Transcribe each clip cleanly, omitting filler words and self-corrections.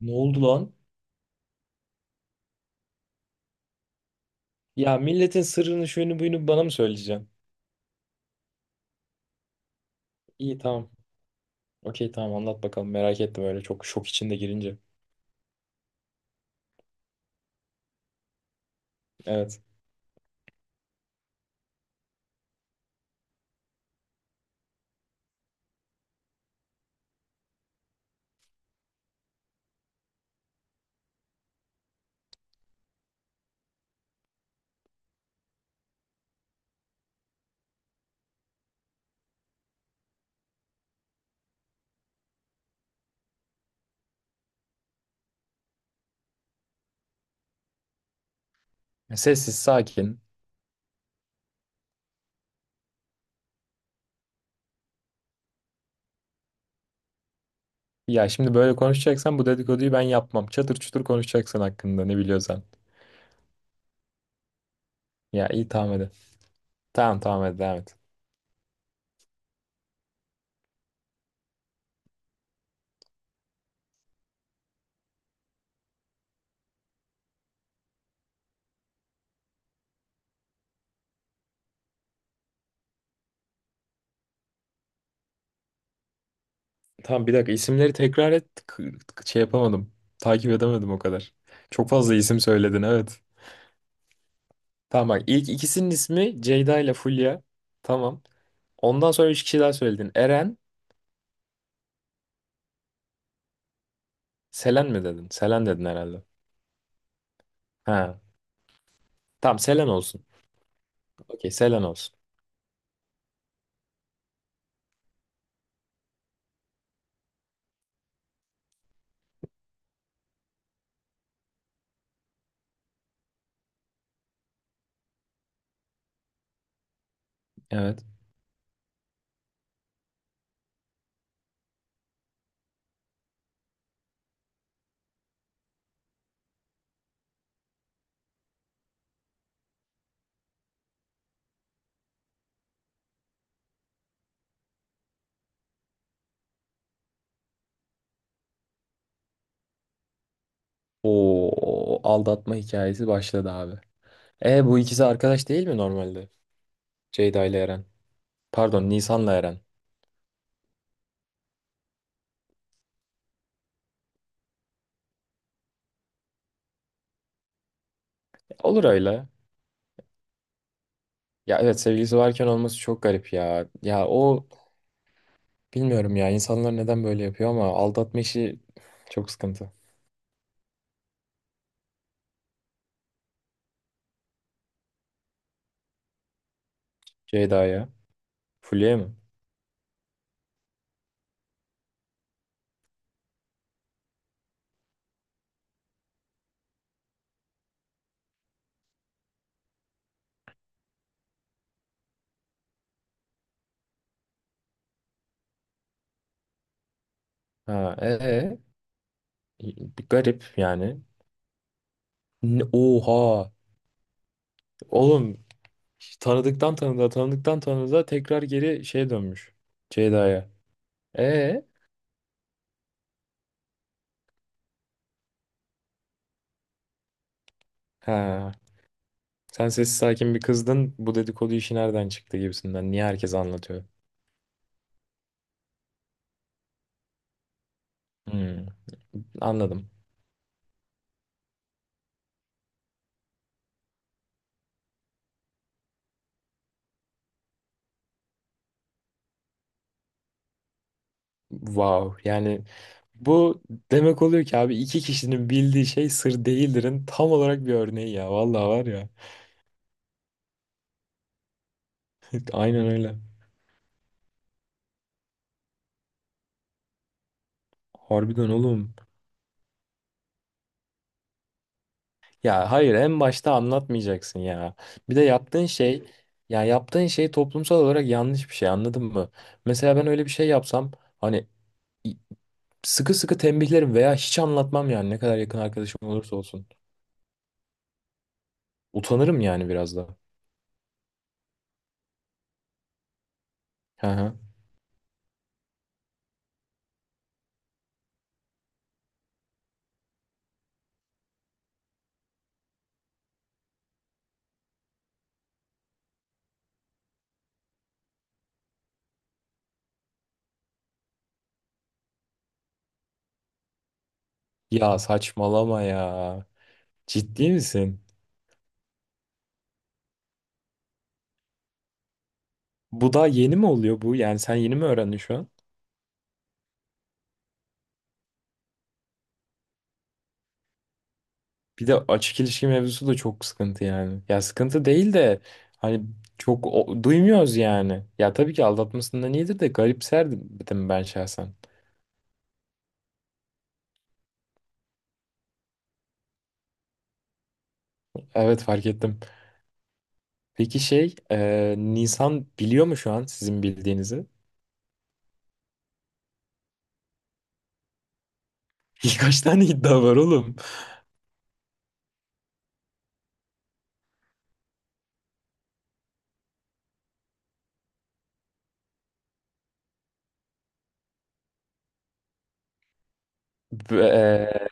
Ne oldu lan? Ya milletin sırrını şuyunu buyunu bana mı söyleyeceksin? İyi tamam. Okey tamam anlat bakalım. Merak ettim öyle çok şok içinde girince. Evet. Sessiz sakin. Ya şimdi böyle konuşacaksan bu dedikoduyu ben yapmam. Çatır çutur konuşacaksın hakkında ne biliyorsan. Ya iyi tamam hadi. Tamam, tamam, hadi devam et. Tamam, bir dakika isimleri tekrar et. Şey yapamadım. Takip edemedim o kadar. Çok fazla isim söyledin, evet. Tamam, bak, ilk ikisinin ismi Ceyda ile Fulya. Tamam. Ondan sonra üç kişi daha söyledin. Eren. Selen mi dedin? Selen dedin herhalde. Ha. Tamam, Selen olsun. Okey, Selen olsun. Evet. O aldatma hikayesi başladı abi. E, bu ikisi arkadaş değil mi normalde? Ceyda ile Eren. Pardon, Nisan'la Eren. E, olur öyle. Ya evet, sevgilisi varken olması çok garip ya. Ya, o, bilmiyorum ya, insanlar neden böyle yapıyor ama aldatma işi çok sıkıntı. Ceyda'ya. Fulya mı? Ha. Garip yani. Oha. Oğlum, tanıdıktan tanıdığa, tanıdıktan tanıdığa tekrar geri şeye dönmüş. Ceyda'ya. Ee, ha. Sen sessiz sakin bir kızdın. Bu dedikodu işi nereden çıktı gibisinden. Niye herkes anlatıyor? Hmm, Anladım. Wow. Yani bu demek oluyor ki abi, iki kişinin bildiği şey sır değildirin tam olarak bir örneği ya. Vallahi var ya. Aynen öyle. Harbiden oğlum. Ya hayır, en başta anlatmayacaksın ya. Bir de yaptığın şey toplumsal olarak yanlış bir şey, anladın mı? Mesela ben öyle bir şey yapsam, hani, i- sıkı sıkı tembihlerim veya hiç anlatmam yani, ne kadar yakın arkadaşım olursa olsun. Utanırım yani biraz da. Hı hı. Ya saçmalama ya. Ciddi misin? Bu daha yeni mi oluyor bu? Yani sen yeni mi öğrendin şu an? Bir de açık ilişki mevzusu da çok sıkıntı yani. Ya sıkıntı değil de, hani, çok duymuyoruz yani. Ya tabii ki aldatmasından iyidir de, garipserdim ben şahsen. Evet, fark ettim. Peki şey Nisan biliyor mu şu an sizin bildiğinizi? Kaç tane iddia var oğlum? B-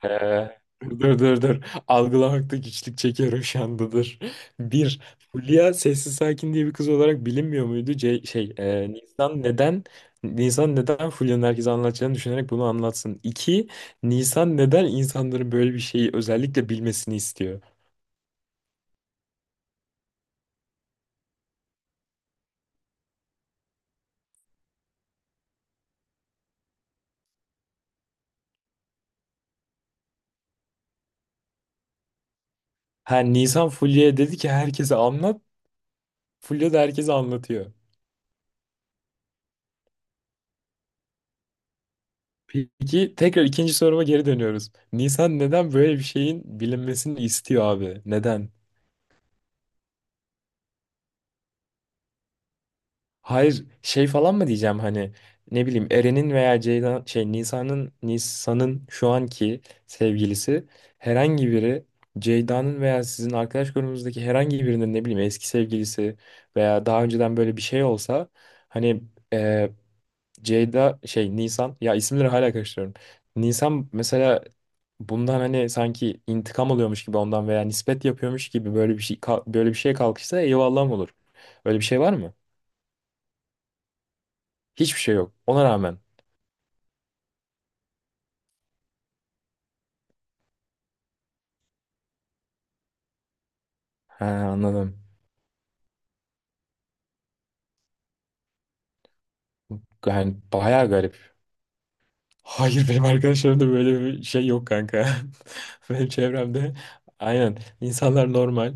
Dur, dur, dur. Algılamakta güçlük çekiyorum şu anda, dur. Bir, Fulya sessiz sakin diye bir kız olarak bilinmiyor muydu? Nisan neden Fulya'nın herkese anlatacağını düşünerek bunu anlatsın. İki, Nisan neden insanların böyle bir şeyi özellikle bilmesini istiyor? Ha, Nisan Fulya'ya dedi ki herkese anlat. Fulya da herkese anlatıyor. Peki, tekrar ikinci soruma geri dönüyoruz. Nisan neden böyle bir şeyin bilinmesini istiyor abi? Neden? Hayır, şey falan mı diyeceğim, hani, ne bileyim, Eren'in veya Ceylan şey Nisa'nın şu anki sevgilisi, herhangi biri, Ceyda'nın veya sizin arkadaş grubumuzdaki herhangi birinin, ne bileyim, eski sevgilisi veya daha önceden böyle bir şey olsa, hani, e, Ceyda şey Nisan, ya isimleri hala karıştırıyorum. Nisan mesela bundan, hani, sanki intikam alıyormuş gibi ondan veya nispet yapıyormuş gibi, böyle bir şeye kalkışsa eyvallah mı olur? Öyle bir şey var mı? Hiçbir şey yok. Ona rağmen. He, anladım. Yani bayağı garip. Hayır, benim arkadaşlarımda böyle bir şey yok kanka. Benim çevremde, aynen, insanlar normal.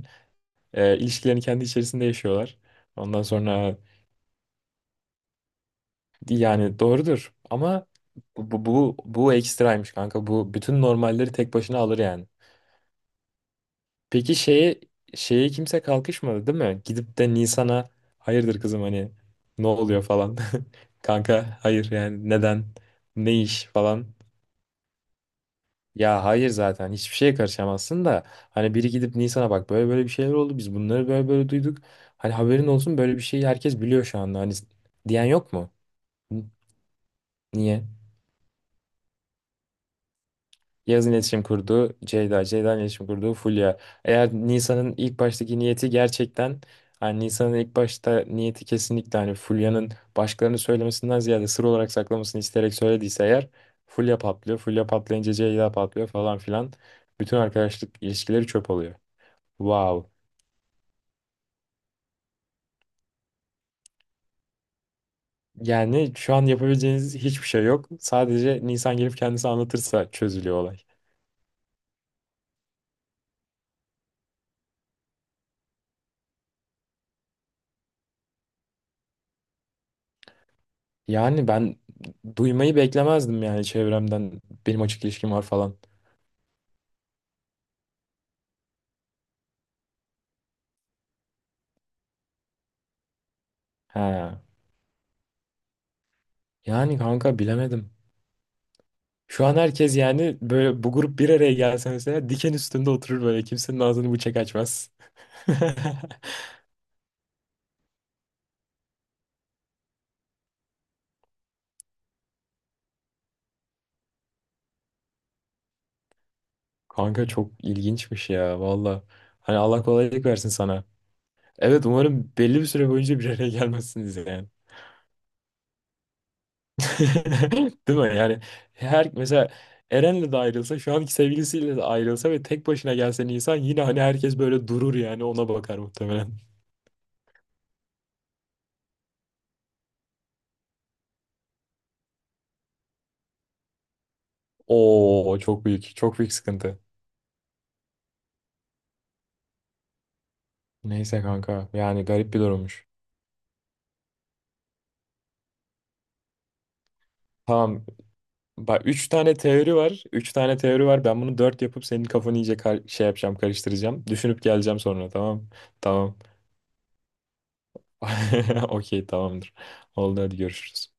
E, ilişkilerini kendi içerisinde yaşıyorlar. Ondan sonra, yani, doğrudur ama bu ekstraymış kanka. Bu bütün normalleri tek başına alır yani. Peki şeye kimse kalkışmadı değil mi? Gidip de Nisan'a hayırdır kızım, hani, ne oluyor falan. Kanka hayır, yani neden? Ne iş falan. Ya hayır, zaten hiçbir şeye karışamazsın da, hani, biri gidip Nisan'a bak böyle böyle bir şeyler oldu, biz bunları böyle böyle duyduk. Hani haberin olsun, böyle bir şeyi herkes biliyor şu anda, hani, diyen yok mu? N- Niye? Yaz'ın iletişim kurduğu Ceyda, Ceyda'nın iletişim kurduğu Fulya. Eğer Nisan'ın ilk baştaki niyeti gerçekten, hani Nisan'ın ilk başta niyeti kesinlikle, hani Fulya'nın başkalarını söylemesinden ziyade sır olarak saklamasını isteyerek söylediyse eğer, Fulya patlıyor. Fulya patlayınca Ceyda patlıyor falan filan. Bütün arkadaşlık ilişkileri çöp oluyor. Wow. Yani şu an yapabileceğiniz hiçbir şey yok. Sadece Nisan gelip kendisi anlatırsa çözülüyor olay. Yani ben duymayı beklemezdim yani çevremden, benim açık ilişkim var falan. Ha. Yani kanka, bilemedim. Şu an herkes yani, böyle bu grup bir araya gelse mesela, diken üstünde oturur, böyle kimsenin ağzını bıçak açmaz. Kanka çok ilginçmiş ya, valla. Hani Allah kolaylık versin sana. Evet, umarım belli bir süre boyunca bir araya gelmezsiniz yani. Değil mi? Yani her, mesela Eren'le de ayrılsa, şu anki sevgilisiyle de ayrılsa ve tek başına gelse Nisan, yine hani herkes böyle durur yani, ona bakar muhtemelen. Oo, çok büyük, çok büyük sıkıntı. Neyse kanka, yani garip bir durummuş. Tamam bak, 3 tane teori var. Üç tane teori var. Ben bunu 4 yapıp senin kafanı iyice kar- şey yapacağım karıştıracağım. Düşünüp geleceğim sonra, tamam. Tamam. Okey, tamamdır. Oldu, hadi görüşürüz.